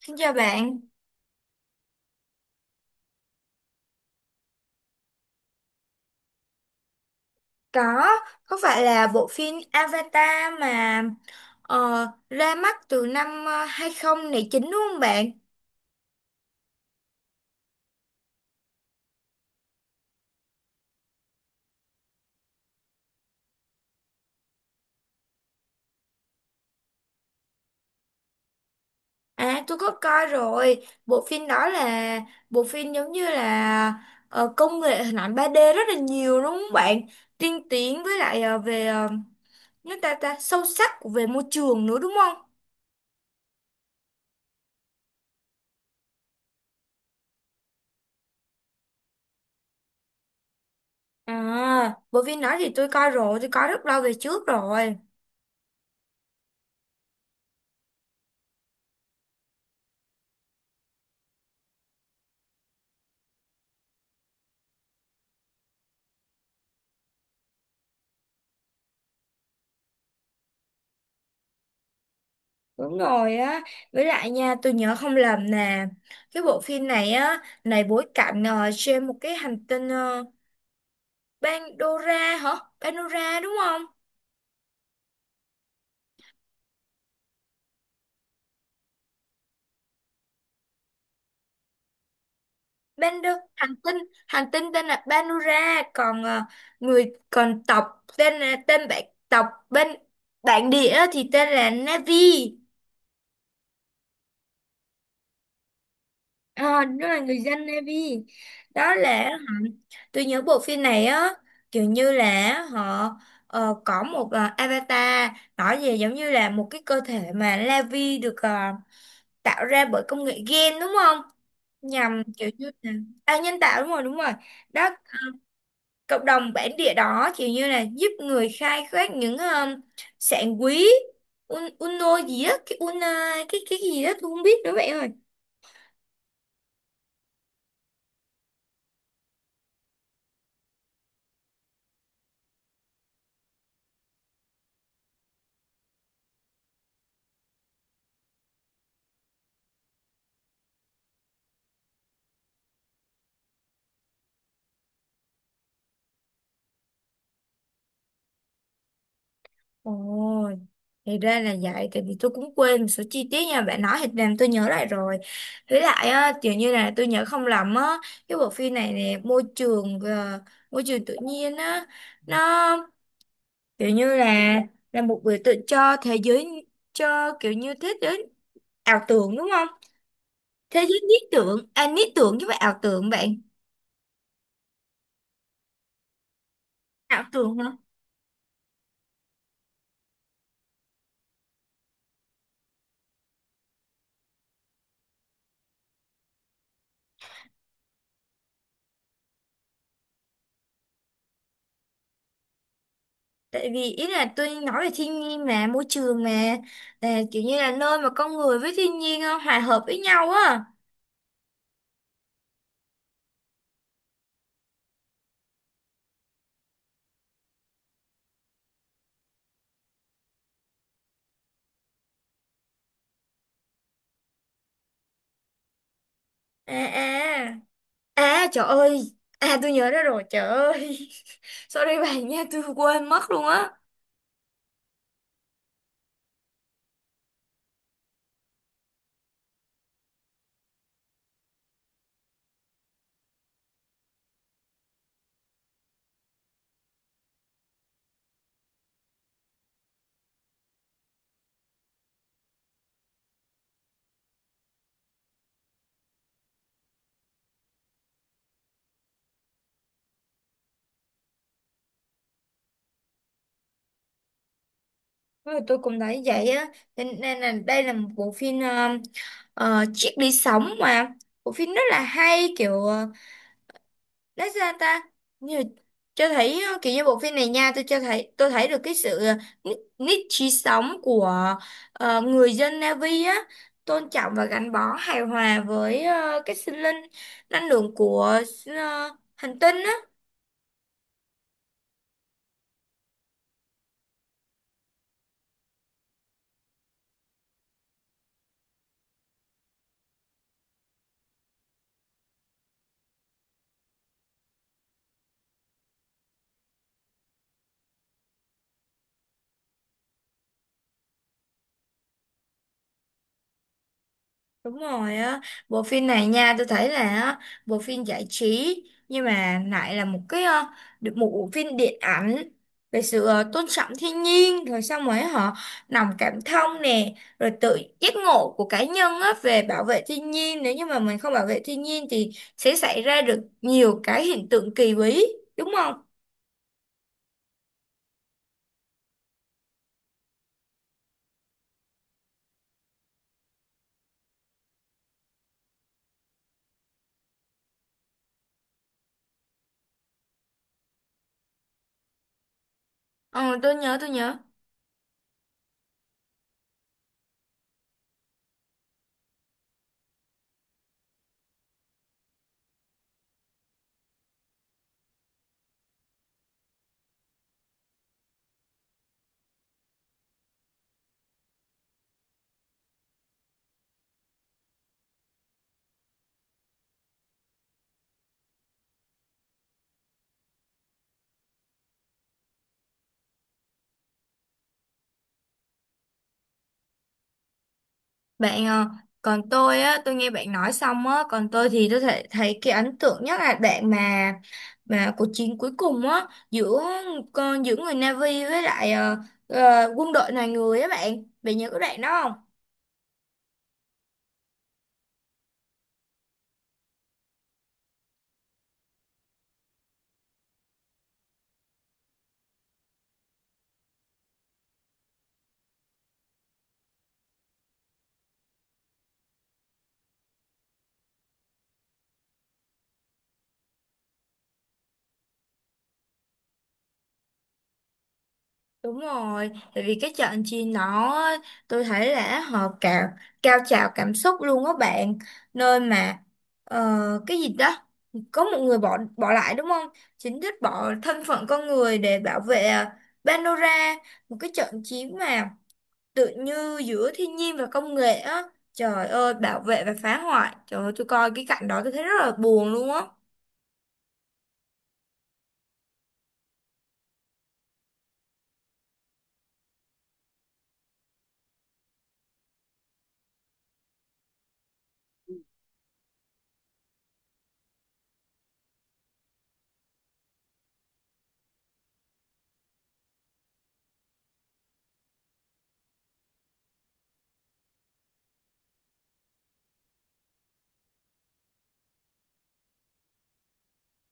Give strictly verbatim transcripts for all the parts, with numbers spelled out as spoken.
Xin chào bạn. Có, có phải là bộ phim Avatar mà ờ, ra mắt từ năm ờ, hai không không chín đúng không bạn? À, tôi có coi rồi. Bộ phim đó là bộ phim giống như là ờ, công nghệ hình ảnh ba đê rất là nhiều đúng không bạn? Tiên tiến với lại ờ, về ờ, nước ta ta sâu sắc về môi trường nữa đúng không? À, bộ phim đó thì tôi coi rồi, tôi coi rất lâu về trước rồi. Đúng rồi á, với lại nha, tôi nhớ không lầm nè, cái bộ phim này á, này bối cảnh ờ, trên một cái hành tinh ờ, Pandora hả? Pandora đúng không? Pando, hành tinh, hành tinh tên là Pandora, còn ờ, người còn tộc tên là tên bạn tộc bên bản địa thì tên là Navi. Ờ, đó là người dân Navy, đó là hả? Tôi nhớ bộ phim này á, kiểu như là họ ờ, có một ờ, avatar, nói về giống như là một cái cơ thể mà Navy được ờ, tạo ra bởi công nghệ gen đúng không, nhằm kiểu như là à, nhân tạo, đúng rồi, đúng rồi đó. Cộng đồng bản địa đó kiểu như là giúp người khai thác những um, sản quý, un, uno gì á, cái una, cái cái gì đó tôi không biết nữa bạn ơi. Ồ, thì ra là vậy, tại vì tôi cũng quên một số chi tiết nha, bạn nói thì làm tôi nhớ lại rồi. Với lại á, kiểu như là tôi nhớ không lầm á, cái bộ phim này nè, môi trường ờ, môi trường tự nhiên á, nó kiểu như là là một biểu tượng cho thế giới, cho kiểu như thế giới ảo tưởng đúng không? Thế giới lý tưởng, à lý tưởng chứ phải ảo tưởng bạn. Ảo tưởng, tại vì ý là tôi nói về thiên nhiên mà môi trường mà là kiểu như là nơi mà con người với thiên nhiên ờ, hòa hợp với nhau á. À à à trời ơi, à tôi nhớ ra rồi, trời ơi. Sorry bạn nha, tôi quên mất luôn á. Rồi tôi cũng thấy vậy á. Cho nên là đây là một bộ phim ờ, ờ, chiếc đi sống mà bộ phim rất là hay kiểu à, lấy ra ta như, cho thấy ờ, kiểu như bộ phim này nha, tôi cho thấy tôi thấy được cái sự ờ, nít nít trí sống của ờ, người dân Navi á, tôn trọng và gắn bó hài hòa với ờ, cái sinh linh năng lượng của ờ, hành tinh á. Đúng rồi á, bộ phim này nha, tôi thấy là á, bộ phim giải trí nhưng mà lại là một cái ờ, được một bộ phim điện ảnh về sự ờ, tôn trọng thiên nhiên, rồi xong rồi họ lòng cảm thông nè, rồi tự giác ngộ của cá nhân á về bảo vệ thiên nhiên, nếu như mà mình không bảo vệ thiên nhiên thì sẽ xảy ra được nhiều cái hiện tượng kỳ bí đúng không? Ờ, tôi nhớ, tôi nhớ. Bạn ờ, Còn tôi á, tôi nghe bạn nói xong á, còn tôi thì tôi thấy, thấy cái ấn tượng nhất là đoạn mà mà cuộc chiến cuối cùng á giữa con giữa người Navy với lại ờ, ờ, quân đội loài người á bạn. Bạn nhớ cái đoạn đó không? Đúng rồi, tại vì cái trận chia nó, tôi thấy là họ cao cao trào cảm xúc luôn á bạn, nơi mà ờ, cái gì đó có một người bỏ bỏ lại đúng không? Chính thức bỏ thân phận con người để bảo vệ ờ, Pandora, một cái trận chiến mà tự như giữa thiên nhiên và công nghệ á. Trời ơi, bảo vệ và phá hoại. Trời ơi, tôi coi cái cảnh đó tôi thấy rất là buồn luôn á.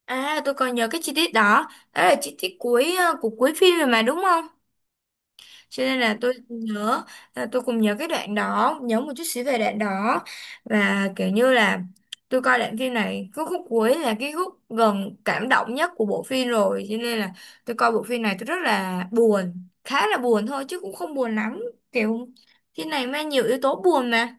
À, tôi còn nhớ cái chi tiết đó, đó là chi tiết cuối ờ, của cuối phim rồi mà đúng không? Cho nên là tôi nhớ, là tôi cũng nhớ cái đoạn đó, nhớ một chút xíu về đoạn đó. Và kiểu như là tôi coi đoạn phim này, cái khúc cuối là cái khúc gần cảm động nhất của bộ phim rồi, cho nên là tôi coi bộ phim này tôi rất là buồn, khá là buồn thôi chứ cũng không buồn lắm, kiểu phim này mang nhiều yếu tố buồn mà.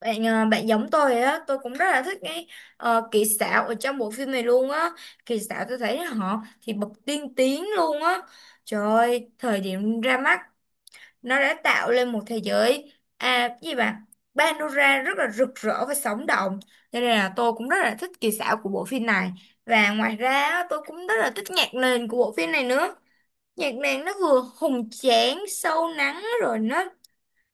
bạn ờ, Bạn giống tôi rồi á, tôi cũng rất là thích cái ờ, kỹ xảo ở trong bộ phim này luôn á. Kỹ xảo tôi thấy họ thì bậc tiên tiến luôn á. Trời ơi, thời điểm ra mắt nó đã tạo lên một thế giới à, cái gì mà panorama rất là rực rỡ và sống động, cho nên là tôi cũng rất là thích kỹ xảo của bộ phim này. Và ngoài ra á, tôi cũng rất là thích nhạc nền của bộ phim này nữa. Nhạc nền nó vừa hùng tráng sâu lắng, rồi nó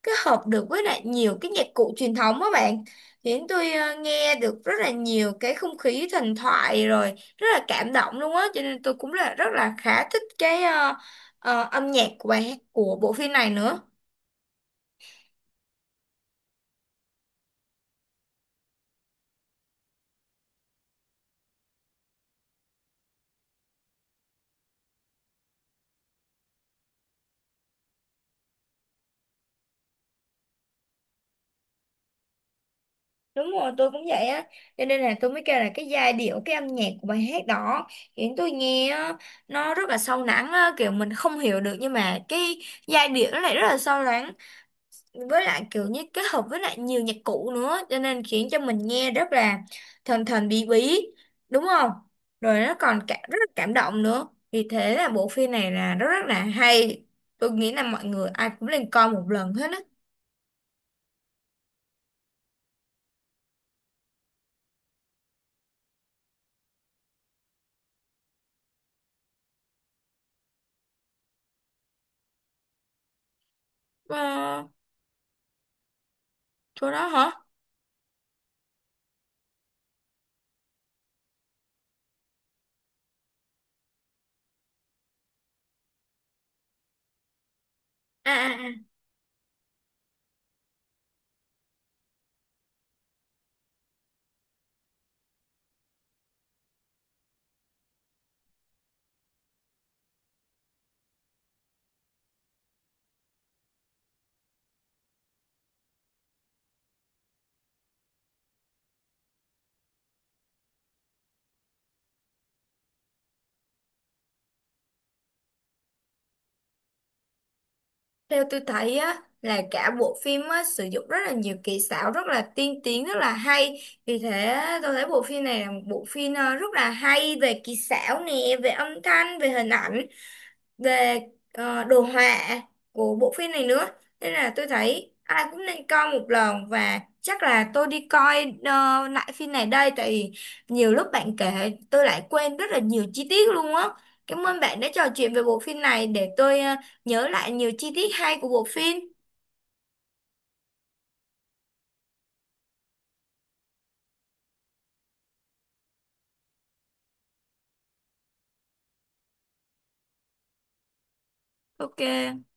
kết hợp được với lại nhiều cái nhạc cụ truyền thống á bạn, khiến tôi ờ, nghe được rất là nhiều cái không khí thần thoại, rồi rất là cảm động luôn á. Cho nên tôi cũng là rất là khá thích cái ờ, ờ, âm nhạc của bài hát của bộ phim này nữa. Đúng rồi, tôi cũng vậy á. Cho nên là tôi mới kêu là cái giai điệu, cái âm nhạc của bài hát đó khiến tôi nghe á, nó rất là sâu lắng á, kiểu mình không hiểu được nhưng mà cái giai điệu nó lại rất là sâu lắng. Với lại kiểu như kết hợp với lại nhiều nhạc cụ nữa, cho nên khiến cho mình nghe rất là thần thần bí bí, đúng không? Rồi nó còn cả, rất là cảm động nữa. Vì thế là bộ phim này là rất rất là hay. Tôi nghĩ là mọi người ai cũng nên coi một lần hết á. Ờ, chỗ đó hả? À, à, à. Theo tôi thấy á, là cả bộ phim á, sử dụng rất là nhiều kỹ xảo rất là tiên tiến rất là hay, vì thế tôi thấy bộ phim này là một bộ phim ờ, rất là hay về kỹ xảo nè, về âm thanh, về hình ảnh, về ờ, đồ họa của bộ phim này nữa. Nên là tôi thấy ai cũng nên coi một lần, và chắc là tôi đi coi ờ, lại phim này đây, tại vì nhiều lúc bạn kể tôi lại quên rất là nhiều chi tiết luôn á. Cảm ơn bạn đã trò chuyện về bộ phim này để tôi ờ, nhớ lại nhiều chi tiết hay của bộ phim. Ok.